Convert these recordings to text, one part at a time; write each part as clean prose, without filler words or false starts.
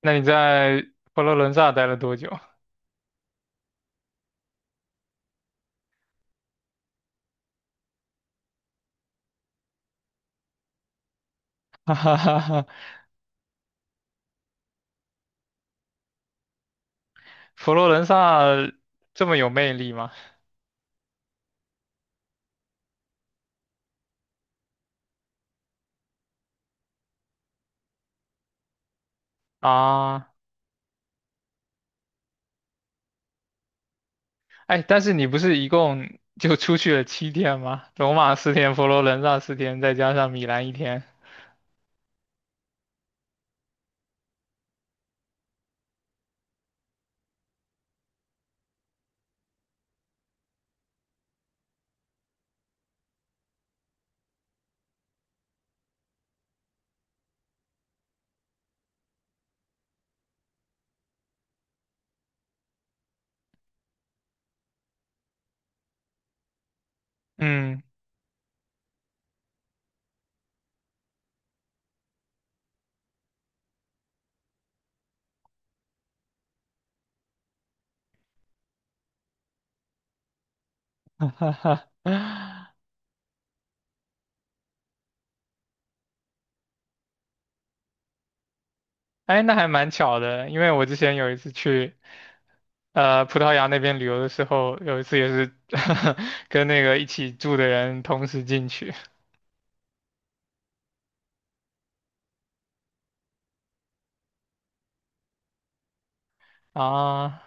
那你在佛罗伦萨待了多久？哈哈哈哈，佛罗伦萨这么有魅力吗？啊，哎，但是你不是一共就出去了7天吗？罗马四天，佛罗伦萨四天，再加上米兰1天。嗯，哈哈哈，哎，那还蛮巧的，因为我之前有一次去。葡萄牙那边旅游的时候，有一次也是 跟那个一起住的人同时进去啊，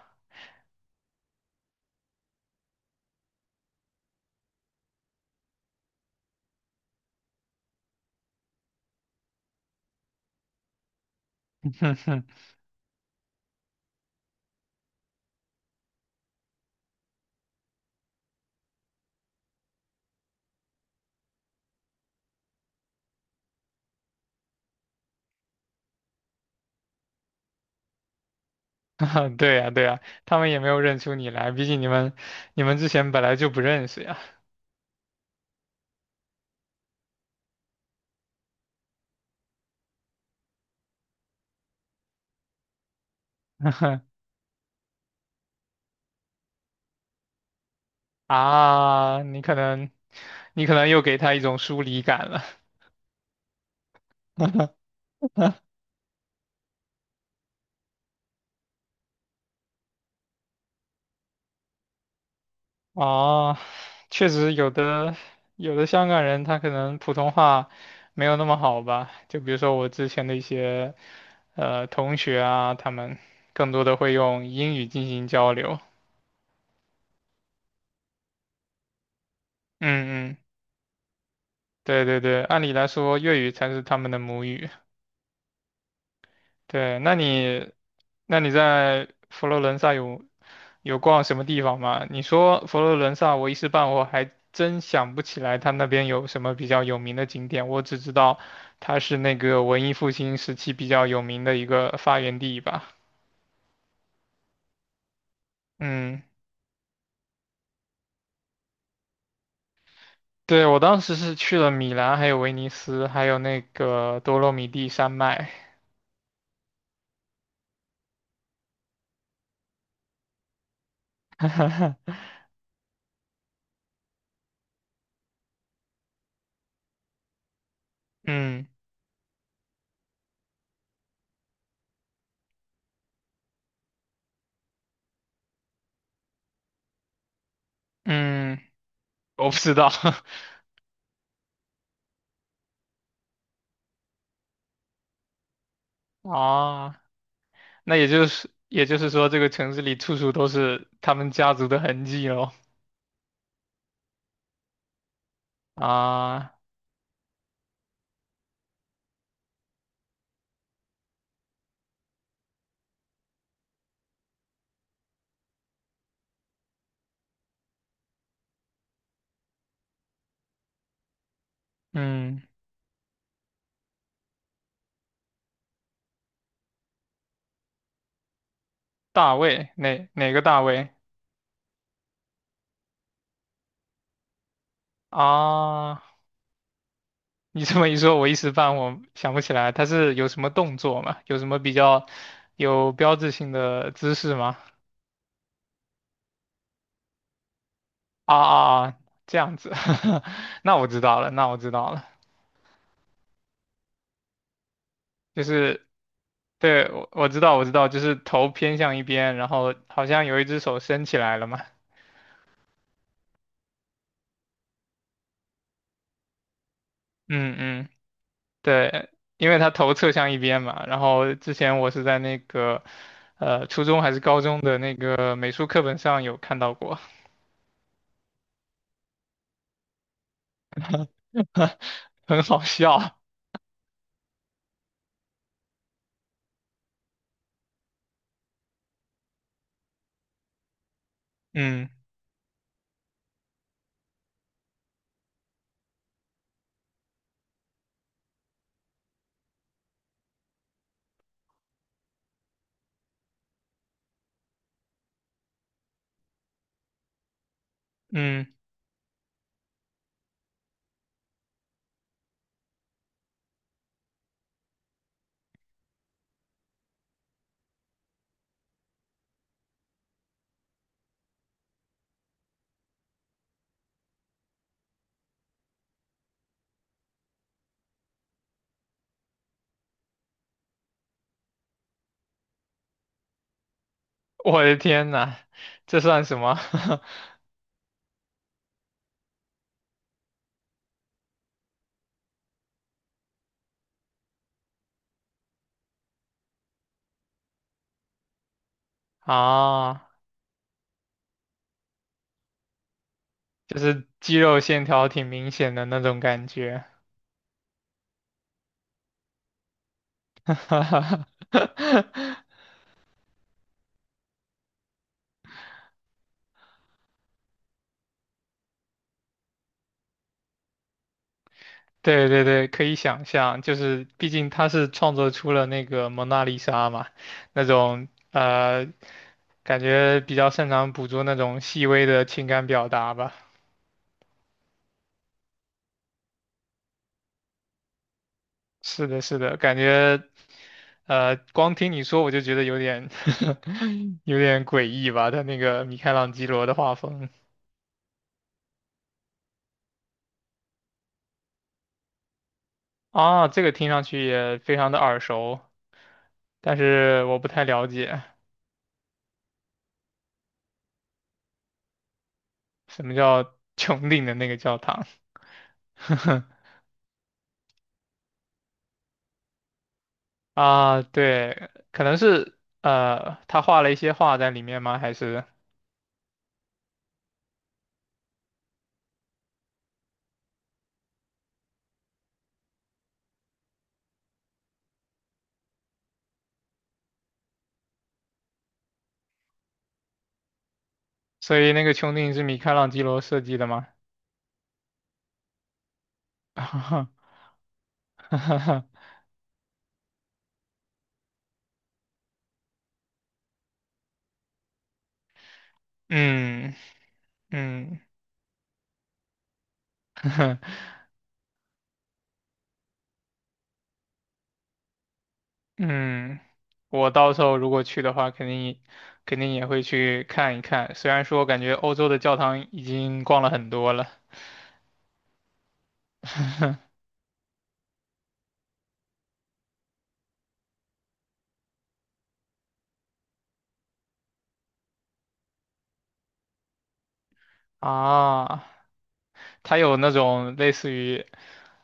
对呀，对呀，他们也没有认出你来，毕竟你们之前本来就不认识呀。啊，你可能又给他一种疏离感了。哦，确实有的香港人他可能普通话没有那么好吧，就比如说我之前的一些同学啊，他们更多的会用英语进行交流。嗯嗯，对对对，按理来说粤语才是他们的母语。对，那你在佛罗伦萨有逛什么地方吗？你说佛罗伦萨，我一时半会儿还真想不起来，它那边有什么比较有名的景点。我只知道它是那个文艺复兴时期比较有名的一个发源地吧。嗯，对，我当时是去了米兰，还有威尼斯，还有那个多洛米蒂山脉。嗯嗯，我不知道 啊。那也就是说，这个城市里处处都是他们家族的痕迹喽。啊，嗯，大卫，哪个大卫？啊，你这么一说，我一时半会想不起来，他是有什么动作吗？有什么比较有标志性的姿势吗？啊啊啊，这样子，那我知道了，那我知道了，就是对，我知道我知道，就是头偏向一边，然后好像有一只手伸起来了嘛。嗯嗯对，因为他头侧向一边嘛。然后之前我是在那个初中还是高中的那个美术课本上有看到过，很好笑。嗯嗯，我的天呐，这算什么 啊？就是肌肉线条挺明显的那种感觉。对对对，可以想象，就是毕竟他是创作出了那个蒙娜丽莎嘛，那种感觉比较擅长捕捉那种细微的情感表达吧。是的，是的，感觉光听你说我就觉得有点 有点诡异吧，他那个米开朗基罗的画风啊，这个听上去也非常的耳熟，但是我不太了解什么叫 穹顶的那个教堂。啊，对，可能是他画了一些画在里面吗？还是所以那个穹顶是米开朗基罗设计的吗？嗯嗯 嗯，我到时候如果去的话，肯定也会去看一看。虽然说感觉欧洲的教堂已经逛了很多了啊，它有那种类似于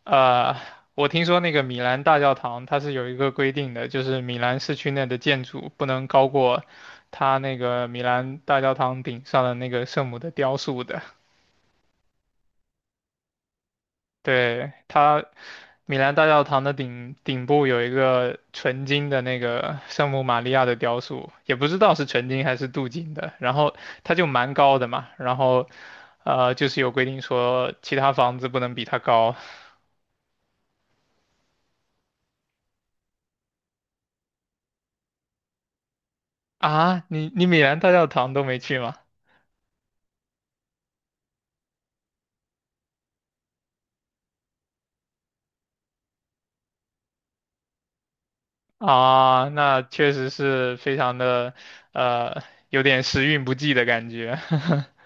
呃，我听说那个米兰大教堂它是有一个规定的，就是米兰市区内的建筑不能高过它那个米兰大教堂顶上的那个圣母的雕塑的。对，它米兰大教堂的顶部有一个纯金的那个圣母玛利亚的雕塑，也不知道是纯金还是镀金的，然后它就蛮高的嘛，然后就是有规定说其他房子不能比它高啊。你米兰大教堂都没去吗？啊，那确实是非常的，呃，有点时运不济的感觉。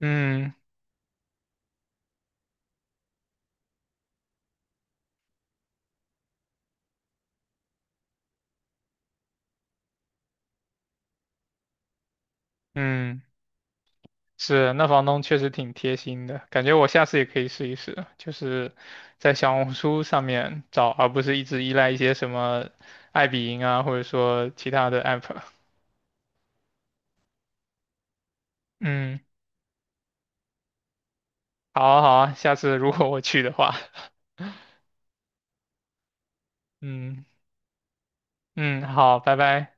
嗯嗯，是，那房东确实挺贴心的，感觉我下次也可以试一试，就是在小红书上面找，而不是一直依赖一些什么爱彼迎啊，或者说其他的 app。嗯，好啊好啊，下次如果我去的话，嗯嗯，好，拜拜。